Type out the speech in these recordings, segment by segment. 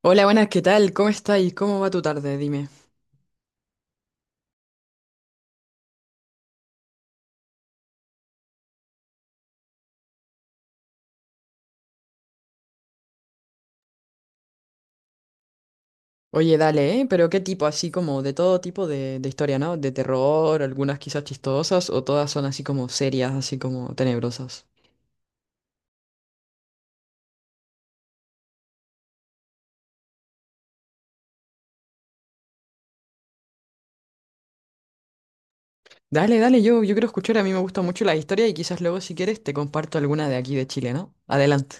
Hola, buenas, ¿qué tal? ¿Cómo estáis? ¿Cómo va tu tarde? Dime. Oye, dale, ¿eh? Pero qué tipo, así como de todo tipo de historia, ¿no? De terror, algunas quizás chistosas, o todas son así como serias, así como tenebrosas. Dale, dale, yo quiero escuchar, a mí me gusta mucho la historia y quizás luego si quieres te comparto alguna de aquí de Chile, ¿no? Adelante.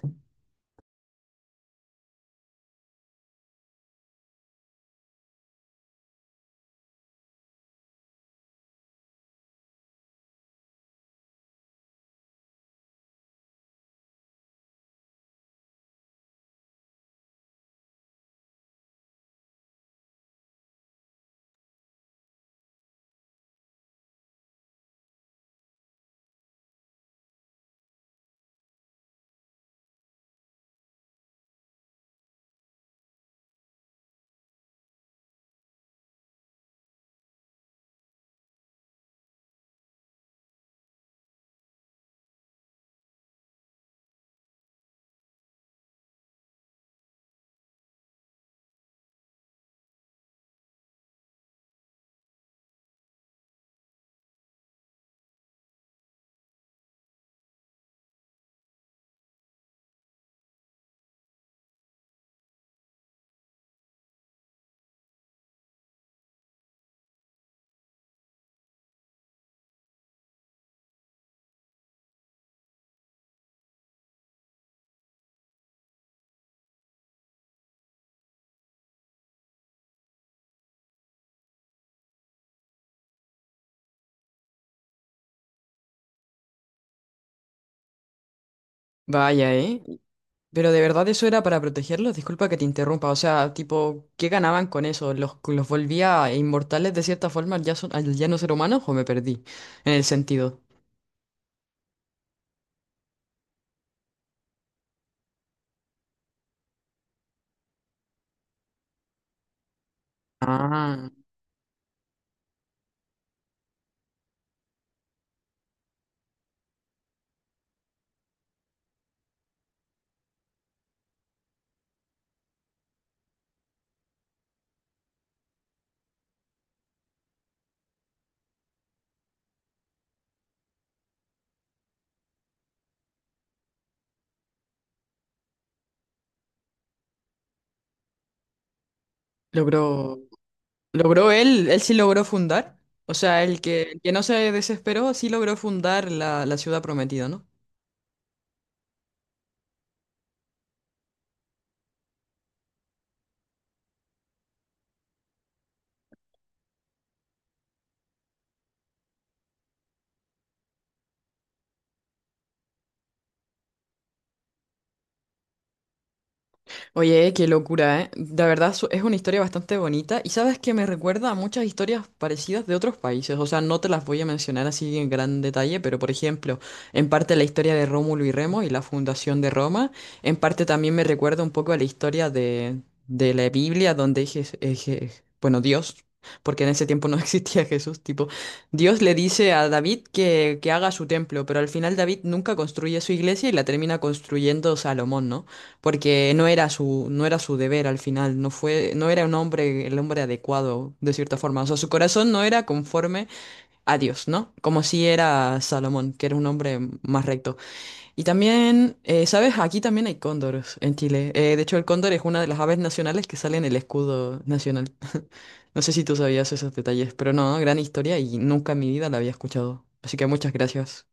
Vaya, ¿eh? Pero de verdad eso era para protegerlos, disculpa que te interrumpa, o sea, tipo, ¿qué ganaban con eso? ¿Los volvía inmortales de cierta forma al ya, al ya no ser humanos o me perdí en el sentido? Ah. Logró, logró él sí logró fundar. O sea, el que no se desesperó sí logró fundar la ciudad prometida, ¿no? Oye, qué locura, ¿eh? De verdad es una historia bastante bonita y sabes que me recuerda a muchas historias parecidas de otros países, o sea, no te las voy a mencionar así en gran detalle, pero por ejemplo, en parte la historia de Rómulo y Remo y la fundación de Roma, en parte también me recuerda un poco a la historia de la Biblia donde bueno, Dios, porque en ese tiempo no existía Jesús, tipo, Dios le dice a David que haga su templo, pero al final David nunca construye su iglesia y la termina construyendo Salomón, ¿no? Porque no era su deber al final, no era un hombre, el hombre adecuado, de cierta forma. O sea, su corazón no era conforme a Dios, ¿no? Como si era Salomón, que era un hombre más recto. Y también, ¿sabes? Aquí también hay cóndores en Chile. De hecho, el cóndor es una de las aves nacionales que sale en el escudo nacional. No sé si tú sabías esos detalles, pero no, gran historia y nunca en mi vida la había escuchado. Así que muchas gracias.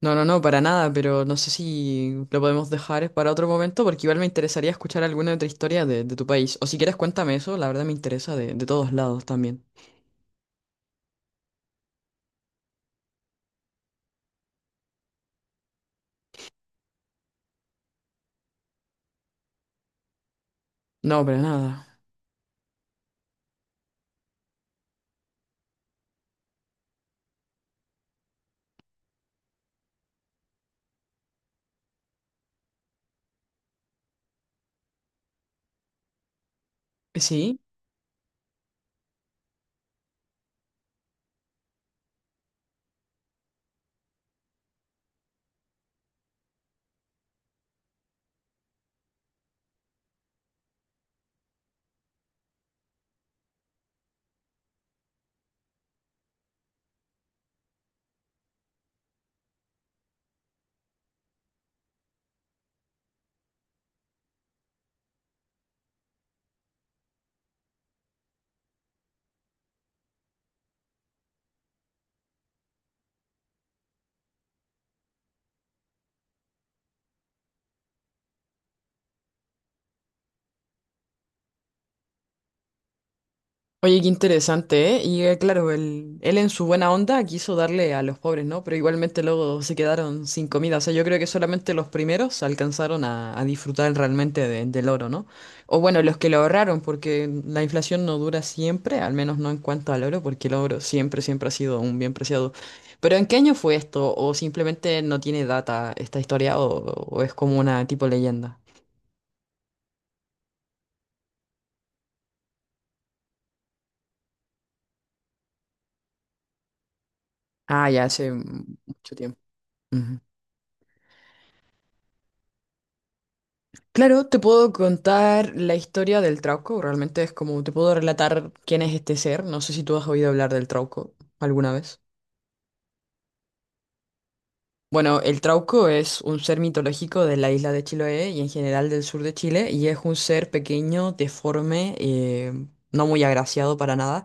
No, no, no, para nada, pero no sé si lo podemos dejar para otro momento porque igual me interesaría escuchar alguna otra historia de tu país. O si quieres, cuéntame eso, la verdad me interesa de todos lados también. No, para nada. ¿Sí? Oye, qué interesante, ¿eh? Y claro, él en su buena onda quiso darle a los pobres, ¿no? Pero igualmente luego se quedaron sin comida. O sea, yo creo que solamente los primeros alcanzaron a disfrutar realmente del oro, ¿no? O bueno, los que lo ahorraron, porque la inflación no dura siempre, al menos no en cuanto al oro, porque el oro siempre, siempre ha sido un bien preciado. Pero ¿en qué año fue esto? ¿O simplemente no tiene data esta historia? O es como una tipo leyenda? Ah, ya hace mucho tiempo. Ujú. Claro, te puedo contar la historia del Trauco, realmente es como te puedo relatar quién es este ser, no sé si tú has oído hablar del Trauco alguna vez. Bueno, el Trauco es un ser mitológico de la isla de Chiloé y en general del sur de Chile y es un ser pequeño, deforme, no muy agraciado para nada,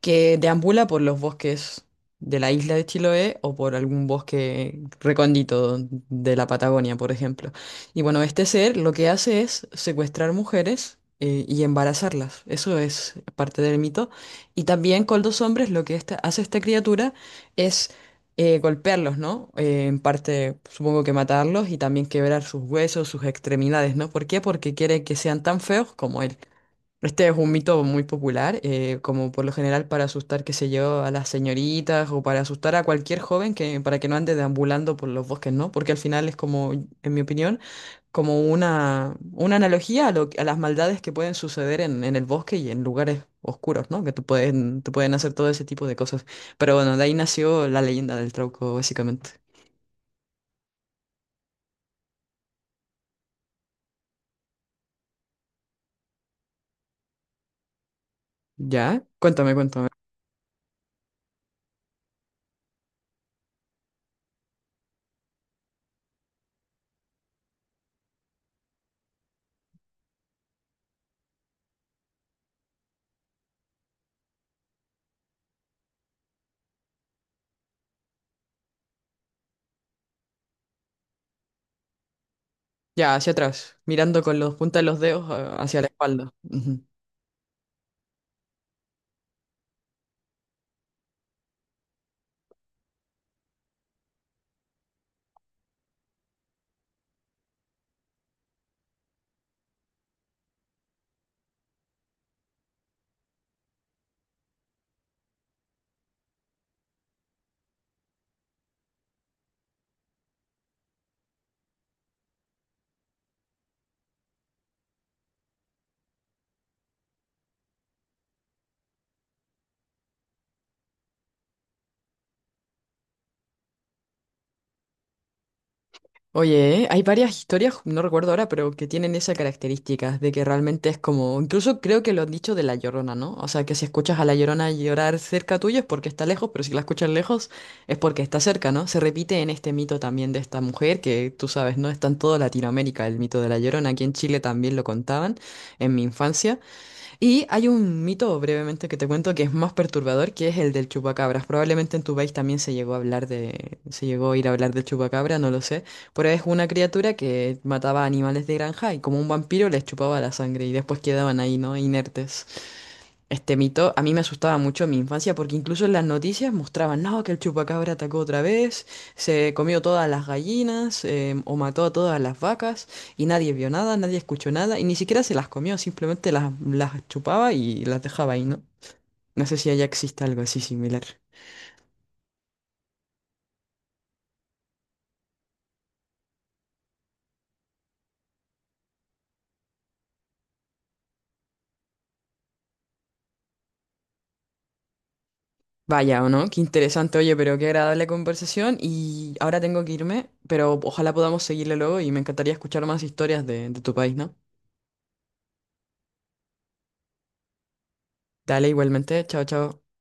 que deambula por los bosques de la isla de Chiloé o por algún bosque recóndito de la Patagonia, por ejemplo. Y bueno, este ser lo que hace es secuestrar mujeres, y embarazarlas. Eso es parte del mito. Y también con los hombres lo que hace esta criatura es golpearlos, ¿no? En parte, supongo que matarlos y también quebrar sus huesos, sus extremidades, ¿no? ¿Por qué? Porque quiere que sean tan feos como él. Este es un mito muy popular, como por lo general para asustar, qué sé yo, a las señoritas o para asustar a cualquier joven que, para que no ande deambulando por los bosques, ¿no? Porque al final es como, en mi opinión, como una analogía a las maldades que pueden suceder en el bosque y en lugares oscuros, ¿no? Que te pueden hacer todo ese tipo de cosas. Pero bueno, de ahí nació la leyenda del trauco, básicamente. ¿Ya? Cuéntame, cuéntame. Ya, hacia atrás, mirando con los puntas de los dedos, hacia la espalda. Ujú. Oye, ¿eh? Hay varias historias, no recuerdo ahora, pero que tienen esa característica de que realmente es como, incluso creo que lo han dicho de La Llorona, ¿no? O sea, que si escuchas a La Llorona llorar cerca tuyo es porque está lejos, pero si la escuchas lejos es porque está cerca, ¿no? Se repite en este mito también de esta mujer, que tú sabes, ¿no? Está en toda Latinoamérica el mito de La Llorona, aquí en Chile también lo contaban en mi infancia. Y hay un mito brevemente que te cuento que es más perturbador, que es el del chupacabras. Probablemente en tu país también se llegó a ir a hablar del chupacabra, no lo sé, pero es una criatura que mataba animales de granja y como un vampiro les chupaba la sangre y después quedaban ahí, ¿no? Inertes. Este mito a mí me asustaba mucho en mi infancia porque incluso en las noticias mostraban, no, que el chupacabra atacó otra vez, se comió todas las gallinas o mató a todas las vacas y nadie vio nada, nadie escuchó nada y ni siquiera se las comió, simplemente las chupaba y las dejaba ahí, ¿no? No sé si allá existe algo así similar. Vaya, ¿o no? Qué interesante, oye, pero qué agradable conversación y ahora tengo que irme, pero ojalá podamos seguirle luego y me encantaría escuchar más historias de tu país, ¿no? Dale igualmente, chao, chao.